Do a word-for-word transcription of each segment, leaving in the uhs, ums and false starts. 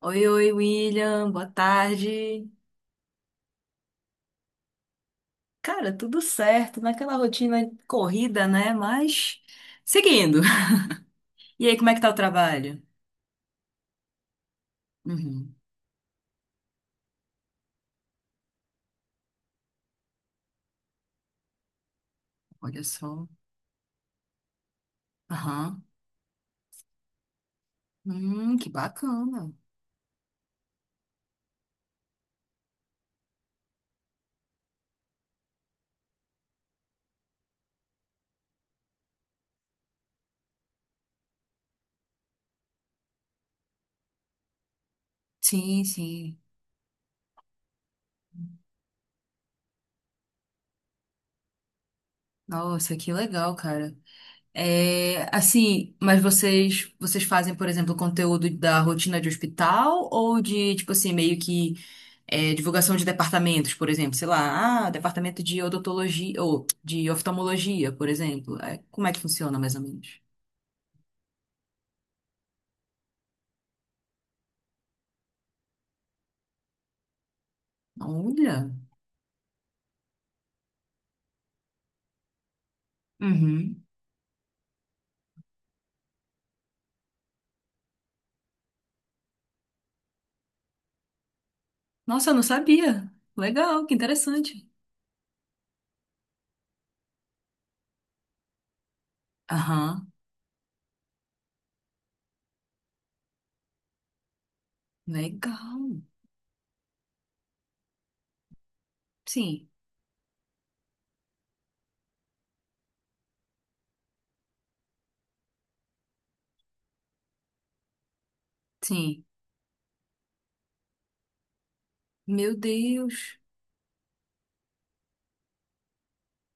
Oi, oi, William, boa tarde. Cara, tudo certo, naquela rotina corrida, né? Mas seguindo. E aí, como é que tá o trabalho? Uhum, olha só. Aham. Hum, que bacana. Sim, sim. Nossa, que legal, cara. É, assim, mas vocês vocês fazem, por exemplo, conteúdo da rotina de hospital ou de, tipo assim, meio que é, divulgação de departamentos, por exemplo, sei lá, ah, departamento de odontologia ou de oftalmologia, por exemplo. É, como é que funciona mais ou menos? Olha. Uhum. Nossa, eu não sabia. Legal, que interessante. Aham, legal. Sim, sim. Meu Deus.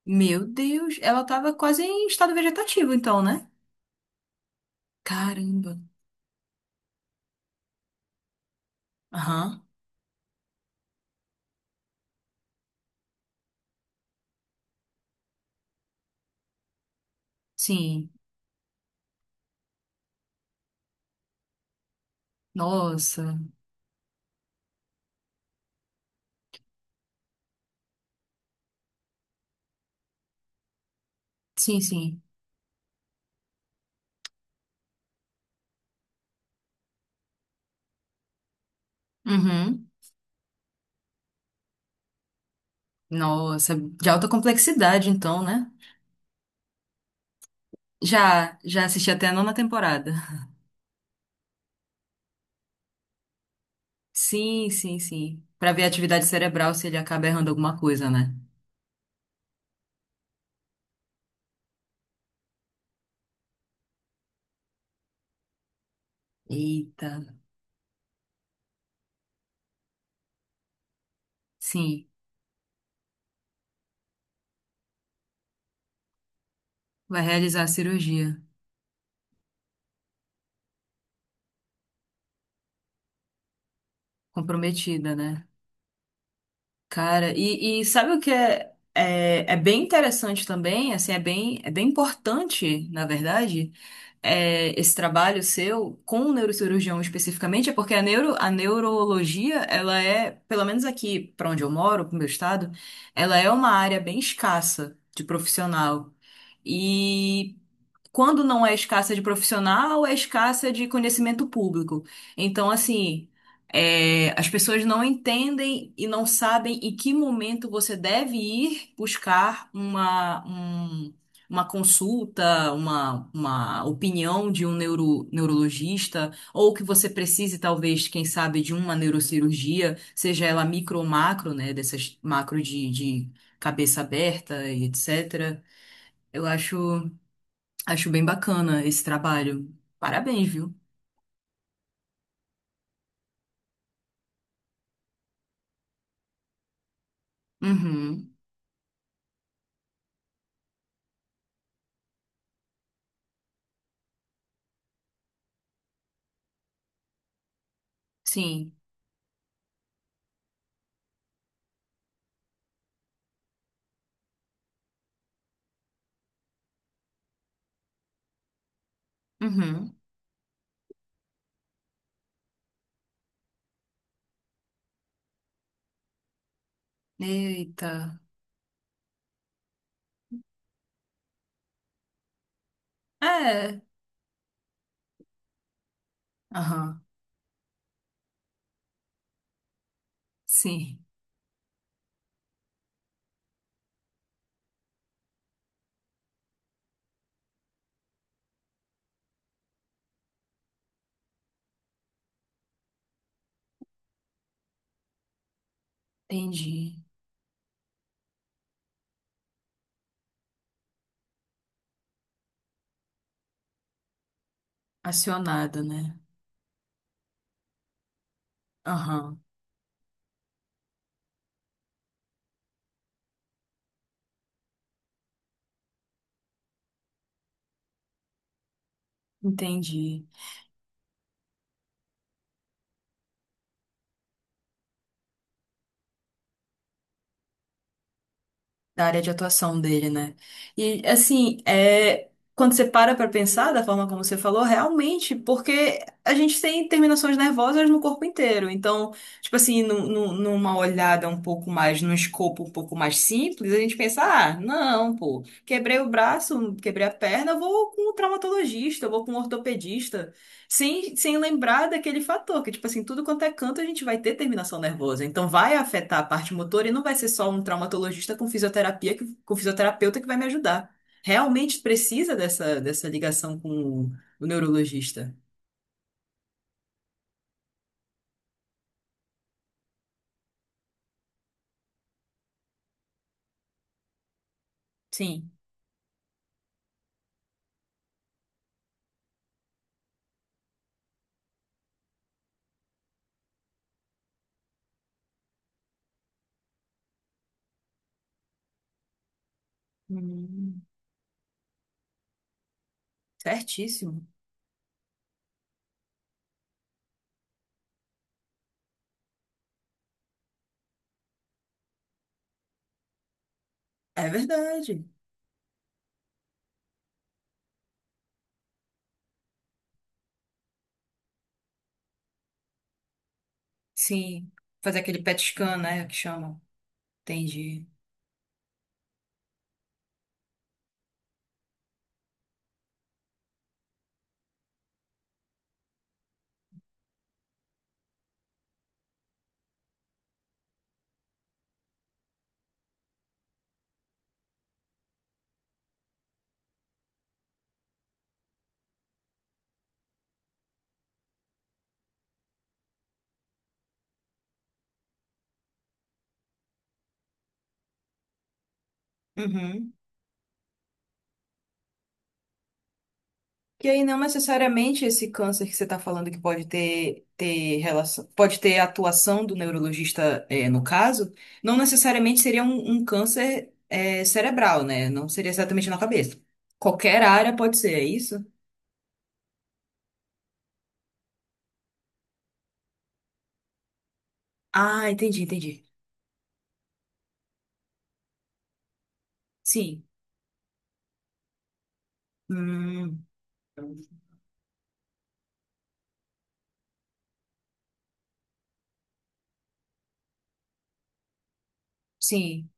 Meu Deus, ela tava quase em estado vegetativo, então, né? Caramba. Aham. Sim. Nossa. Sim, sim. Uhum. Nossa, de alta complexidade, então, né? Já, já assisti até a nona temporada. Sim, sim, sim. Pra ver a atividade cerebral se ele acaba errando alguma coisa, né? Eita. Sim. Vai realizar a cirurgia. Comprometida, né? Cara, e, e sabe o que é, é, é bem interessante também? Assim, é bem, é bem importante, na verdade. É, esse trabalho seu com o neurocirurgião especificamente, é porque a neuro, a neurologia, ela é, pelo menos aqui para onde eu moro, pro meu estado, ela é uma área bem escassa de profissional. E quando não é escassa de profissional, é escassa de conhecimento público. Então, assim, é, as pessoas não entendem e não sabem em que momento você deve ir buscar uma, um- uma consulta, uma, uma opinião de um neuro, neurologista, ou que você precise, talvez, quem sabe, de uma neurocirurgia, seja ela micro ou macro, né, dessas macro de, de cabeça aberta e etcétera. Eu acho. Acho bem bacana esse trabalho. Parabéns, viu? Uhum. Sim. Uhum. Eita. É. Aham. Sim. Entendi. Acionada, né? Aham. Entendi. Da área de atuação dele, né? E assim, é, quando você para para pensar da forma como você falou, realmente, porque a gente tem terminações nervosas no corpo inteiro. Então, tipo assim, num- num- numa olhada um pouco mais, num escopo um pouco mais simples, a gente pensa, ah, não, pô, quebrei o braço, quebrei a perna, eu vou com um traumatologista, eu vou com um ortopedista. Sem, sem lembrar daquele fator, que, tipo assim, tudo quanto é canto, a gente vai ter terminação nervosa. Então, vai afetar a parte motora e não vai ser só um traumatologista com fisioterapia, que, com fisioterapeuta que vai me ajudar. Realmente precisa dessa, dessa ligação com o neurologista. Sim. Hum. Certíssimo. É verdade. Sim. Fazer aquele PET scan, né? Que chamam. Entendi. Uhum. E aí, não necessariamente esse câncer que você está falando que pode ter, ter relação, pode ter atuação do neurologista, eh, no caso, não necessariamente seria um, um câncer, eh, cerebral, né? Não seria exatamente na cabeça. Qualquer área pode ser, é isso? Ah, entendi, entendi. Sim. Hum, sim.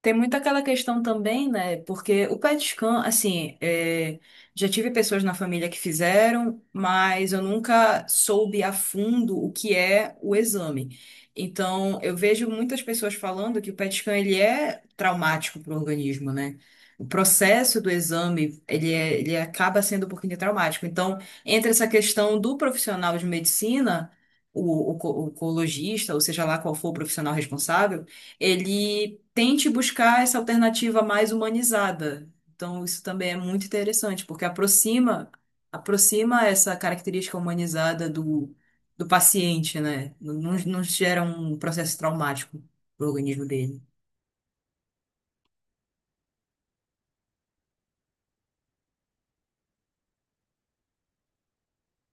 Tem muito aquela questão também, né? Porque o PET scan, assim, é, já tive pessoas na família que fizeram, mas eu nunca soube a fundo o que é o exame. Então, eu vejo muitas pessoas falando que o PET scan ele é traumático para o organismo, né? O processo do exame, ele, é- ele acaba sendo um pouquinho traumático. Então, entre essa questão do profissional de medicina, o, o, co- o oncologista, ou seja lá qual for o profissional responsável, ele tente buscar essa alternativa mais humanizada. Então, isso também é muito interessante, porque aproxima aproxima essa característica humanizada do, do paciente, né? Não, não não gera um processo traumático pro organismo dele.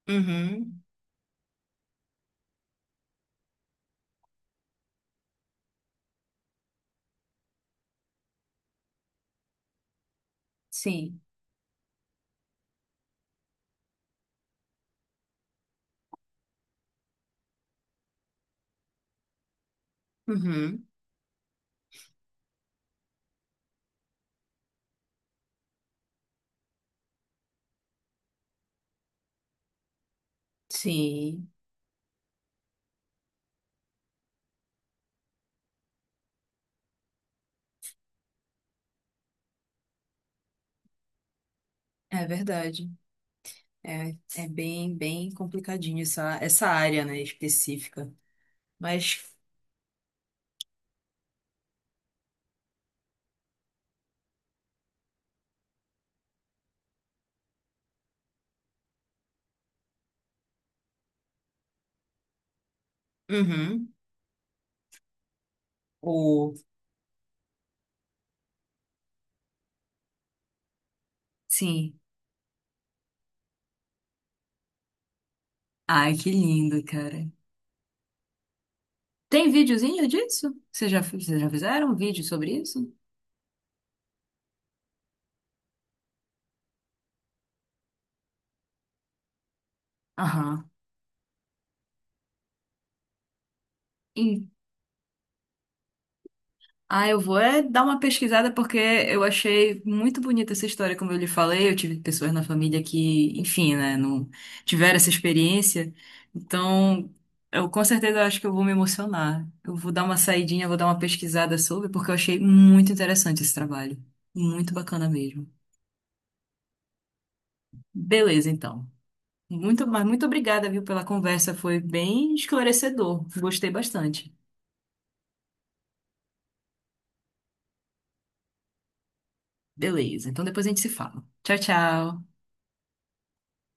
Uhum, sim, uhum, sim, é verdade. É, é bem, bem complicadinho essa, essa área, né, específica. Mas, uhum, ou, sim. Ai, que lindo, cara. Tem videozinho disso? Vocês já, vocês já fizeram um vídeo sobre isso? Aham. Em- Ah, eu vou é dar uma pesquisada porque eu achei muito bonita essa história, como eu lhe falei. Eu tive pessoas na família que, enfim, né, não tiveram essa experiência. Então, eu com certeza acho que eu vou me emocionar. Eu vou dar uma saidinha, vou dar uma pesquisada sobre, porque eu achei muito interessante esse trabalho. Muito bacana mesmo. Beleza, então. Muito, mas muito obrigada, viu, pela conversa. Foi bem esclarecedor. Gostei bastante. Beleza, então depois a gente se fala. Tchau, tchau.